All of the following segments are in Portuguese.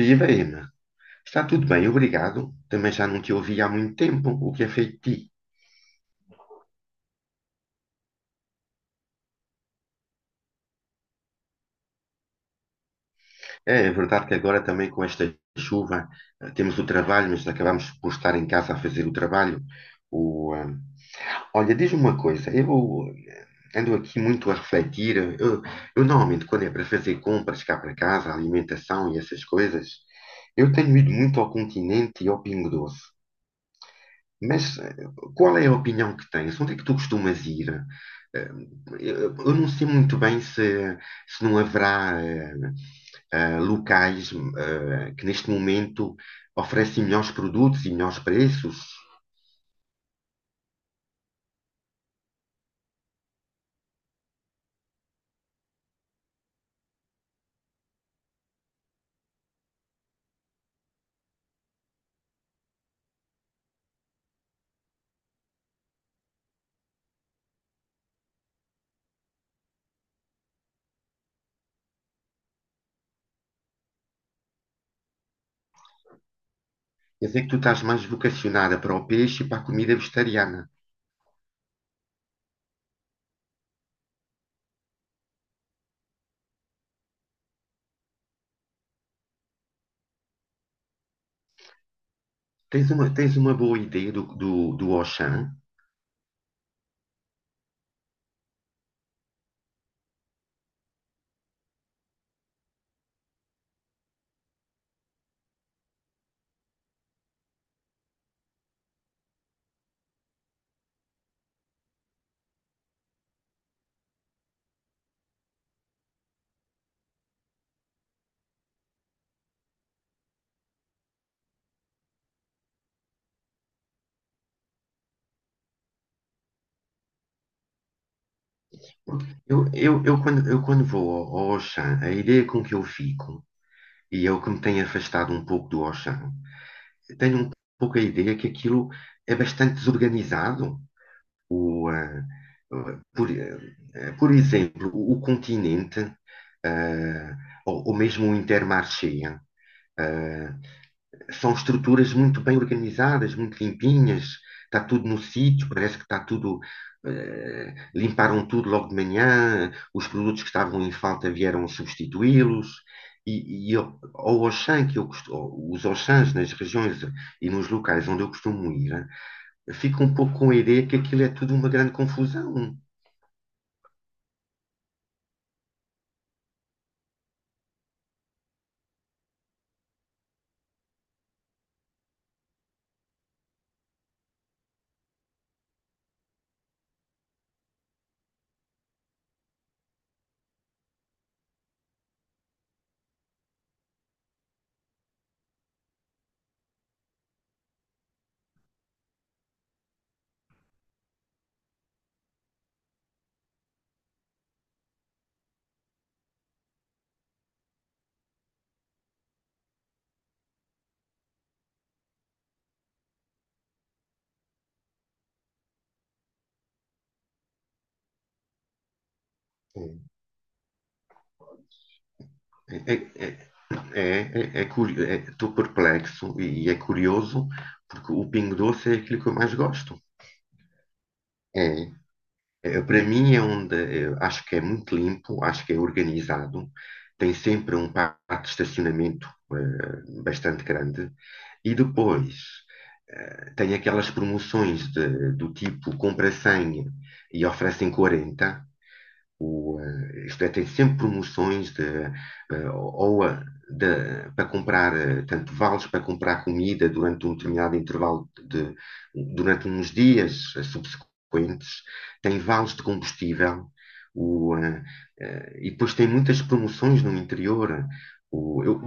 Viva, Emma. Está tudo bem, obrigado. Também já não te ouvi há muito tempo. O que é feito de ti? É verdade que agora também com esta chuva temos o trabalho, mas acabamos por estar em casa a fazer o trabalho. O, ah, Olha, diz-me uma coisa. Eu ando aqui muito a refletir. Eu normalmente quando é para fazer compras cá para casa, alimentação e essas coisas, eu tenho ido muito ao Continente e ao Pingo Doce. Mas qual é a opinião que tens? Onde é que tu costumas ir? Eh, eu não sei muito bem se não haverá locais que neste momento oferecem melhores produtos e melhores preços. Quer dizer que tu estás mais vocacionada para o peixe e para a comida vegetariana. Tens uma boa ideia do, do, do Auchan? Eu quando vou ao Auchan, a ideia com que eu fico, e é o que me tem afastado um pouco do Auchan. Eu tenho um pouco a ideia que aquilo é bastante desorganizado. O, ah, ah, por, ah, Por exemplo, o Continente, ah, ou mesmo o Intermarché, ah, são estruturas muito bem organizadas, muito limpinhas, está tudo no sítio, parece que está tudo. Limparam tudo logo de manhã, os produtos que estavam em falta vieram substituí-los. E eu, ao Auchan, ou os Auchans nas regiões e nos locais onde eu costumo ir, fico um pouco com a ideia que aquilo é tudo uma grande confusão. Sim. É, é, é, Estou perplexo e é curioso, porque o Pingo Doce é aquilo que eu mais gosto. É. Para mim é onde acho que é muito limpo, acho que é organizado, tem sempre um pátio de estacionamento bastante grande e depois tem aquelas promoções de- do tipo compra 100 e oferecem 40. Isto é, tem sempre promoções de, eh, ou a- da- para comprar, tanto vales para comprar comida durante um determinado intervalo de, durante uns dias subsequentes, tem vales de combustível, o, eh, e depois tem muitas promoções no interior. O, eu,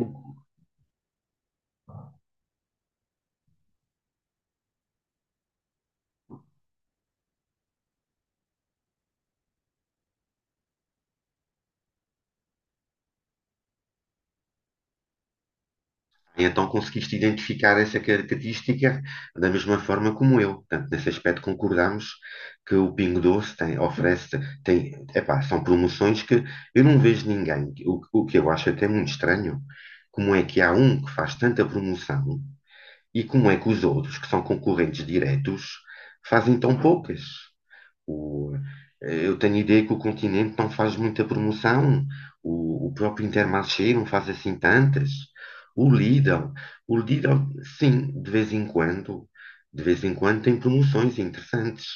E então conseguiste identificar essa característica da mesma forma como eu. Portanto, nesse aspecto concordamos que o Pingo Doce tem, oferece, tem, epá, são promoções que eu não vejo ninguém. O que eu acho até muito estranho, como é que há um que faz tanta promoção e como é que os outros, que são concorrentes diretos, fazem tão poucas. O, eu tenho a ideia que o Continente não faz muita promoção, o próprio Intermarché não faz assim tantas. O Lidl, o Lidl, sim, de vez em quando tem promoções interessantes.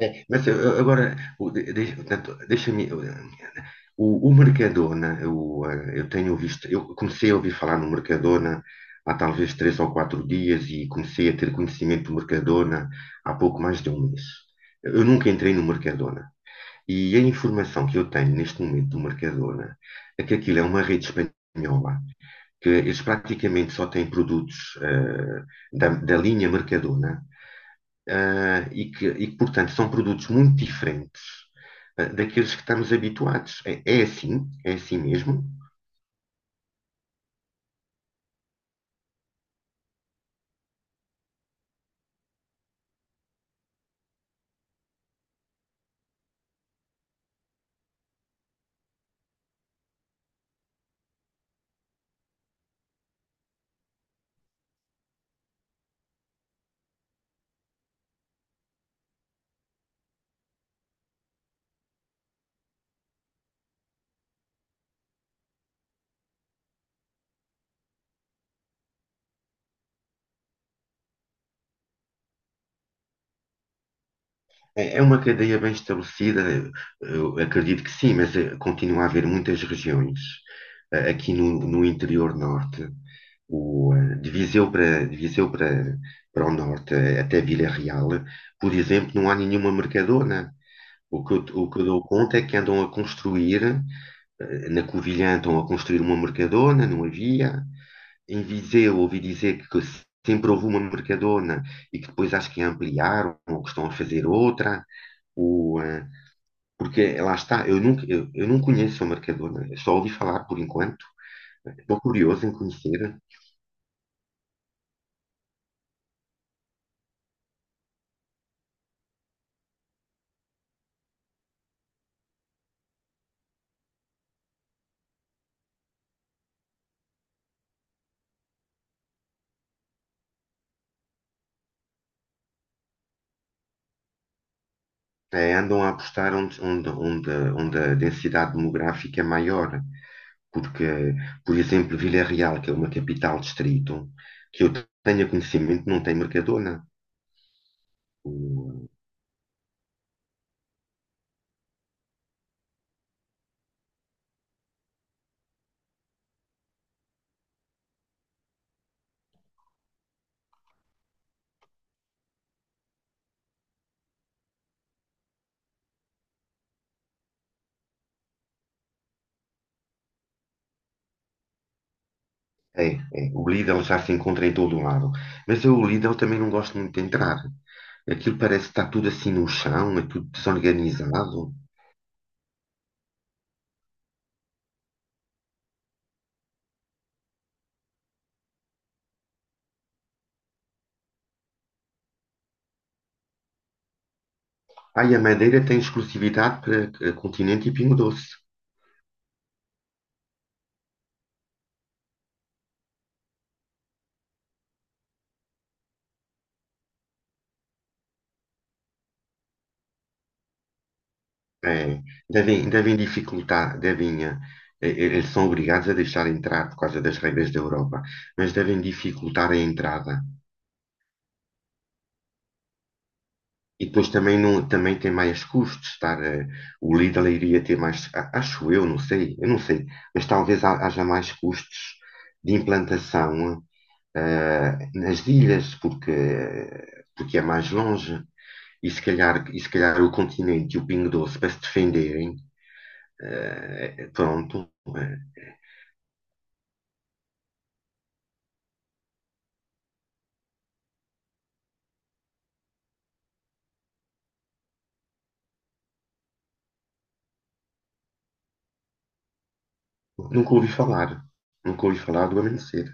É, mas agora, portanto, deixa-me. O Mercadona, eu tenho visto, eu comecei a ouvir falar no Mercadona há talvez três ou quatro dias e comecei a ter conhecimento do Mercadona há pouco mais de um mês. Eu nunca entrei no Mercadona. E a informação que eu tenho neste momento do Mercadona é que aquilo é uma rede espanhola, que eles praticamente só têm produtos da linha Mercadona. E, e que, portanto, são produtos muito diferentes daqueles que estamos habituados. É, é assim mesmo. É, é uma cadeia bem estabelecida, eu acredito que sim, mas continua a haver muitas regiões aqui no interior norte, de Viseu para o norte, até Vila Real, por exemplo, não há nenhuma Mercadona. O que eu dou conta é que andam a construir. Na Covilhã estão a construir uma Mercadona, não havia. Em Viseu ouvi dizer que sempre houve uma Mercadona e que depois acho que ampliaram ou que estão a fazer outra. O, eh, Porque lá está, eu nunca, eu não conheço a Mercadona, só ouvi falar por enquanto. Estou curioso em conhecer. Andam a apostar onde a densidade demográfica é maior, porque, por exemplo, Vila Real, que é uma capital distrito, que eu tenha conhecimento, não tem Mercadona. O, é, o Lidl já se encontra em todo o lado. Mas eu, o Lidl também não gosto muito de entrar. Aquilo parece que está tudo assim no chão, é tudo desorganizado. Ah, e a Madeira tem exclusividade para Continente e Pingo Doce. É, devem dificultar, eles são obrigados a deixar entrar por causa das regras da Europa, mas devem dificultar a entrada. E depois também, não, também tem mais custos estar, o Lidl iria ter mais, acho eu não sei, mas talvez haja mais custos de implantação, nas ilhas, porque, é mais longe. E se calhar o Continente e o Pingo Doce para se defenderem, pronto. eh, Nunca ouvi falar. Nunca ouvi falar do amanhecer.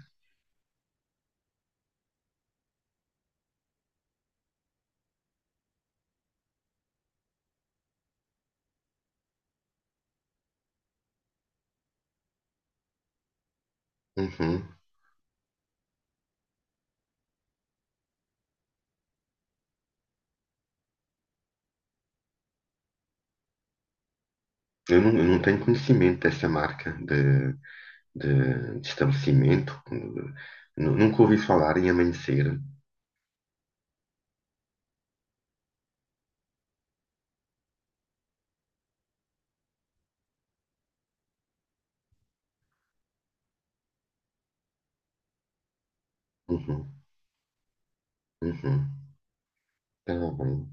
Uhum. Eu não eu não tenho conhecimento dessa marca de estabelecimento. Nunca ouvi falar em amanhecer. Uhum. Uhum. Tá bem.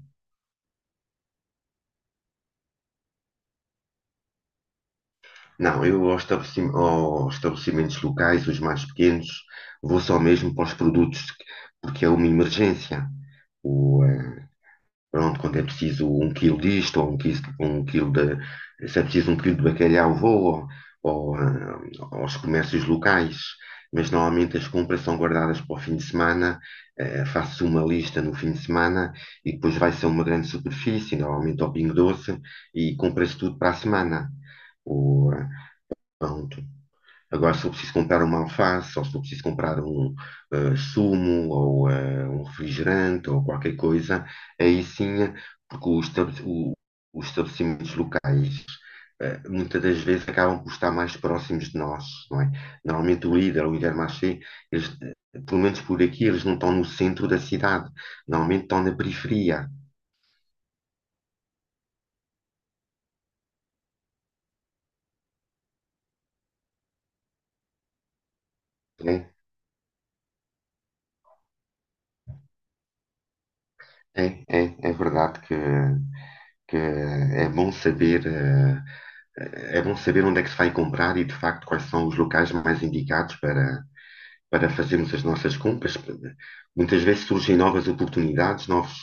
Não, eu aos aos estabelecimentos locais, os mais pequenos, vou só mesmo para os produtos, porque é uma emergência. eh, Pronto, quando é preciso um quilo disto, ou um quilo de, se é preciso um quilo de bacalhau, vou ou, ah, aos comércios locais. Mas normalmente as compras são guardadas para o fim de semana, faço uma lista no fim de semana e depois vai-se a uma grande superfície, normalmente ao Pingo Doce, e compra-se tudo para a semana. Ou, eh, pronto. Agora, se eu preciso comprar uma alface, ou se eu preciso comprar um sumo, ou um refrigerante, ou qualquer coisa, aí sim, porque os estabelecimentos locais muitas das vezes acabam por estar mais próximos de nós, não é? Normalmente o Lidl, o Intermarché, eles, pelo menos por aqui, eles não estão no centro da cidade, normalmente estão na periferia, né? É verdade que é bom saber, é bom saber onde é que se vai comprar e, de facto, quais são os locais mais indicados para para fazermos as nossas compras. Muitas vezes surgem novas oportunidades, novos,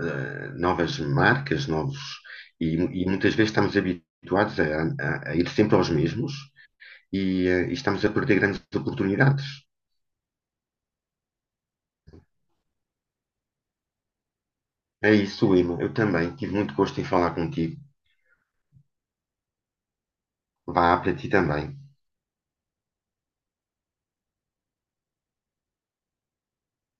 novas marcas, novos, e muitas vezes estamos habituados a ir sempre aos mesmos e estamos a perder grandes oportunidades. É isso, Ima. Eu também tive muito gosto em falar contigo. Vá para ti também.